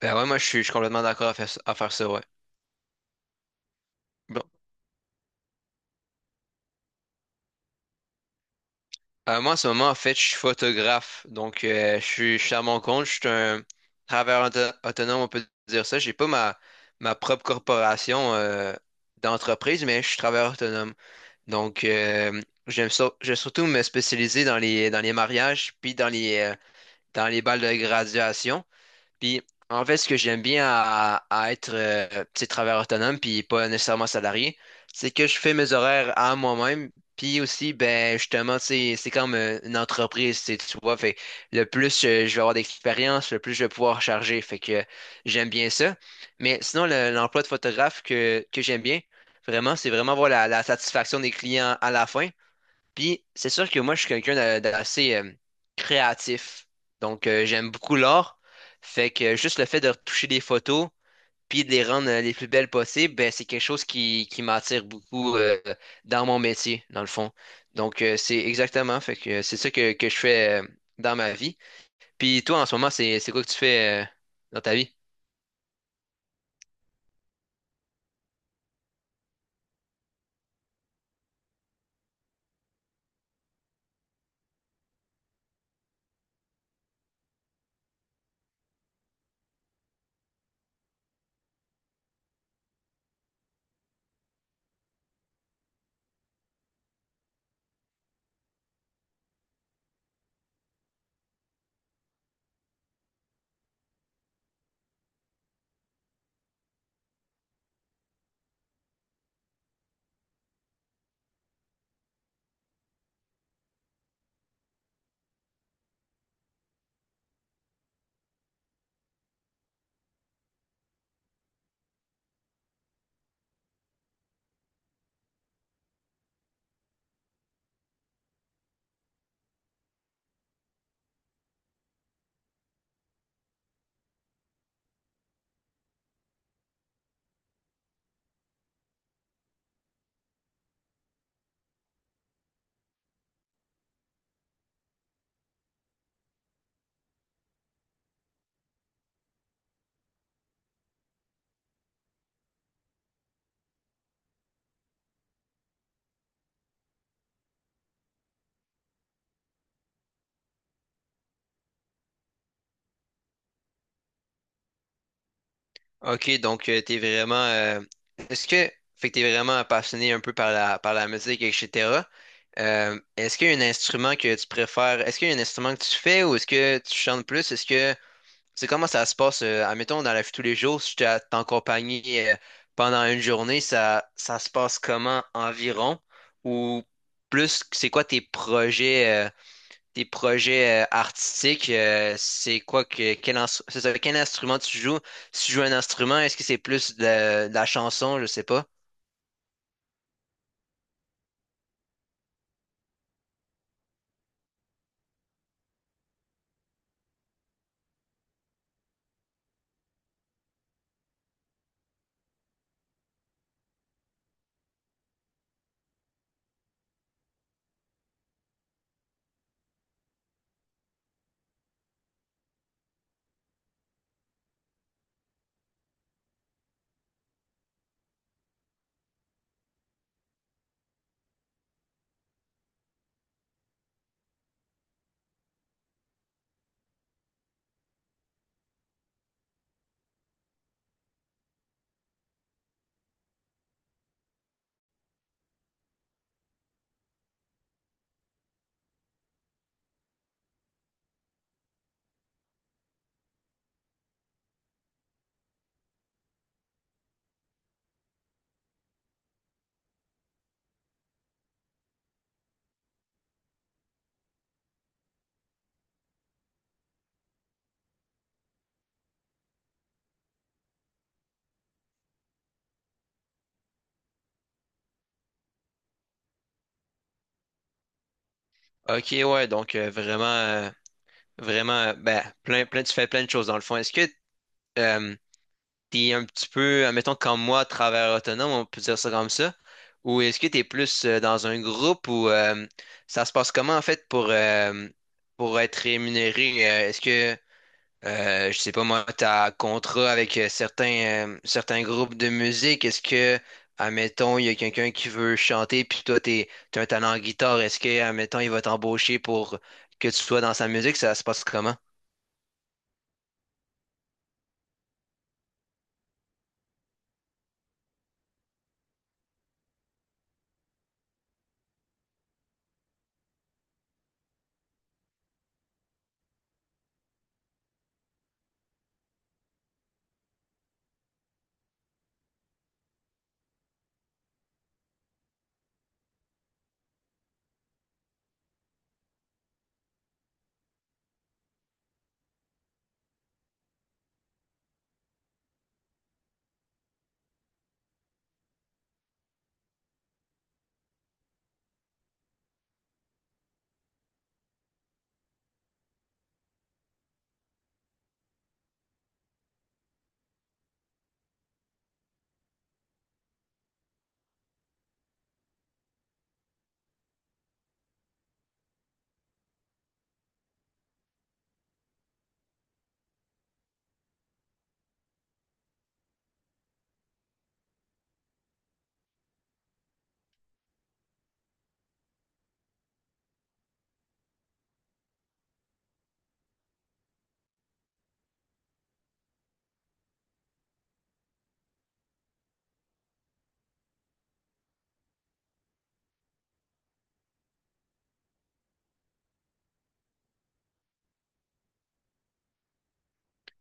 Ben ouais, moi je suis complètement d'accord à à faire ça, ouais. Bon. Moi en ce moment, en fait, je suis photographe. Donc je suis à mon compte, je suis un travailleur auto- autonome, on peut dire ça. J'ai pas ma, ma propre corporation d'entreprise, mais je suis travailleur autonome. Donc j'aime surtout me spécialiser dans les mariages puis dans les dans les balles de graduation. Puis, en fait, ce que j'aime bien à être petit travailleur autonome, puis pas nécessairement salarié, c'est que je fais mes horaires à moi-même. Puis aussi, ben justement, c'est comme une entreprise, tu sais, tu vois. Fait le plus je vais avoir d'expérience, le plus je vais pouvoir charger. Fait que j'aime bien ça. Mais sinon, l'emploi de photographe que j'aime bien, vraiment, c'est vraiment voir la, la satisfaction des clients à la fin. Puis c'est sûr que moi, je suis quelqu'un d'assez créatif. Donc, j'aime beaucoup l'art. Fait que juste le fait de retoucher des photos, puis de les rendre les plus belles possibles, ben, c'est quelque chose qui m'attire beaucoup dans mon métier, dans le fond. Donc, c'est exactement. Fait que c'est ça que je fais dans ma vie. Puis toi, en ce moment, c'est quoi que tu fais dans ta vie? Ok, donc t'es vraiment. Est-ce que. Fait que t'es vraiment passionné un peu par la musique, etc. Est-ce qu'il y a un instrument que tu préfères? Est-ce qu'il y a un instrument que tu fais ou est-ce que tu chantes plus? Est-ce que. C'est comment ça se passe? Admettons, dans la vie de tous les jours, si tu t'es accompagné pendant une journée, ça se passe comment environ? Ou plus, c'est quoi tes projets? Tes projets artistiques, c'est quoi que quel, c'est ça, quel instrument tu joues? Si tu joues un instrument, est-ce que c'est plus de la chanson? Je sais pas. Ok, ouais, donc vraiment, vraiment, ben, plein, plein, tu fais plein de choses dans le fond. Est-ce que euh, t'es un petit peu, admettons, comme moi, travailleur autonome, on peut dire ça comme ça, ou est-ce que t'es plus dans un groupe ou ça se passe comment en fait pour être rémunéré? Est-ce que je sais pas moi, t'as contrat avec certains, certains groupes de musique. Est-ce que, admettons, il y a quelqu'un qui veut chanter, puis toi, t'es, t'as un talent en guitare. Est-ce que, admettons, il va t'embaucher pour que tu sois dans sa musique? Ça se passe comment?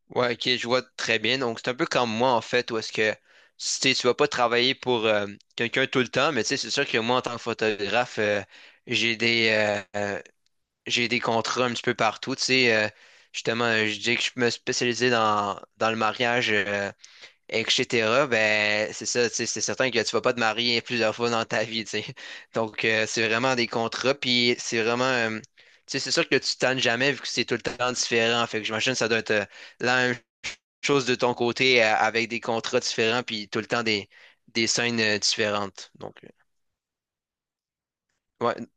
Ouais, ok, je vois très bien. Donc, c'est un peu comme moi, en fait, où est-ce que si tu vas pas travailler pour quelqu'un tout le temps, mais tu sais, c'est sûr que moi, en tant que photographe, j'ai des, euh, j'ai des contrats un petit peu partout. Tu sais, justement, je dis que je me spécialisais dans, dans le mariage, etc. Ben, c'est ça, tu sais, c'est certain que tu vas pas te marier plusieurs fois dans ta vie, tu sais. Donc, c'est vraiment des contrats, puis c'est vraiment tu sais, c'est sûr que tu te tannes jamais vu que c'est tout le temps différent. Fait que j'imagine que ça doit être la même chose de ton côté avec des contrats différents puis tout le temps des scènes différentes. Donc, ouais.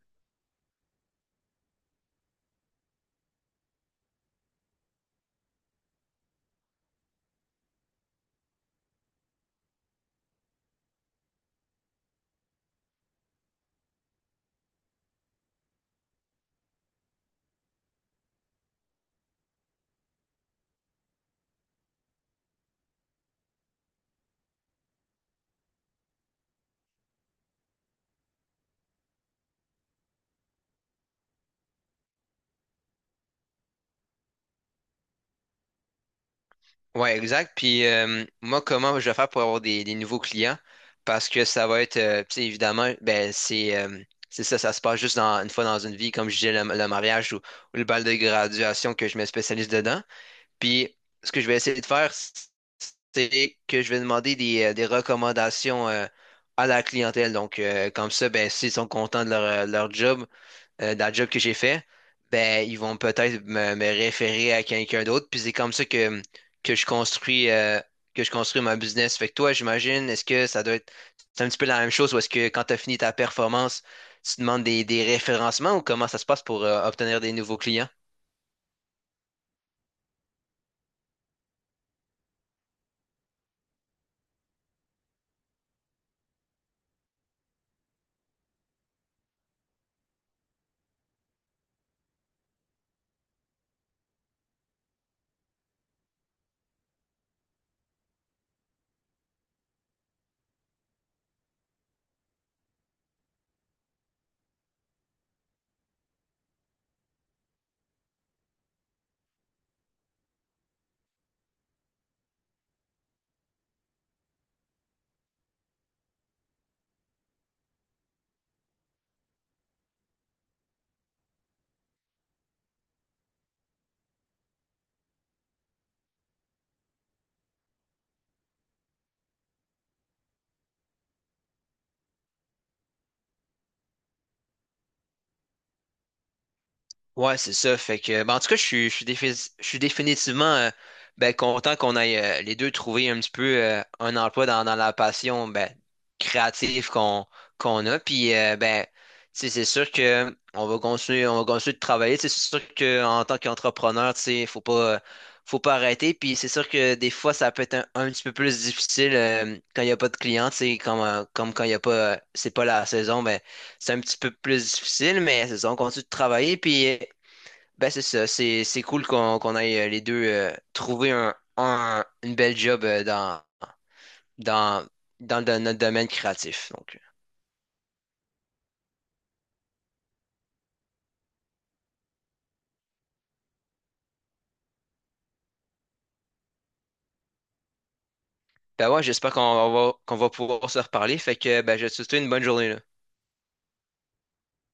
Ouais, exact. Puis moi, comment je vais faire pour avoir des nouveaux clients? Parce que ça va être, tu sais, évidemment, ben c'est ça, ça se passe juste dans, une fois dans une vie, comme je disais, le mariage ou le bal de graduation que je me spécialise dedans. Puis ce que je vais essayer de faire, c'est que je vais demander des recommandations à la clientèle. Donc, comme ça, ben, s'ils sont contents de leur, leur job, dans le job que j'ai fait, ben, ils vont peut-être me, me référer à quelqu'un d'autre. Puis c'est comme ça que je construis, euh, que je construis mon business. Fait que toi, j'imagine, est-ce que ça doit être c'est un petit peu la même chose ou est-ce que quand tu as fini ta performance, tu demandes des référencements ou comment ça se passe pour obtenir des nouveaux clients? Ouais, c'est ça. Fait que, ben, en tout cas, je suis définitivement ben, content qu'on aille les deux trouver un petit peu un emploi dans, dans la passion ben, créative qu'on a. Puis, ben, tu sais, c'est sûr que on va continuer de travailler. Tu sais, c'est sûr qu'en tant qu'entrepreneur, tu sais, faut pas arrêter. Puis, c'est sûr que des fois, ça peut être un petit peu plus difficile quand il n'y a pas de clients. Tu sais, comme, comme quand il n'y a pas, c'est pas la saison, ben, c'est un petit peu plus difficile, mais c'est ça, on continue de travailler. Puis, ben c'est ça, c'est cool qu'on aille les deux trouver un, une belle job dans dans dans notre domaine créatif. Donc ben ouais, j'espère qu'on va pouvoir se reparler. Fait que ben je te souhaite une bonne journée là.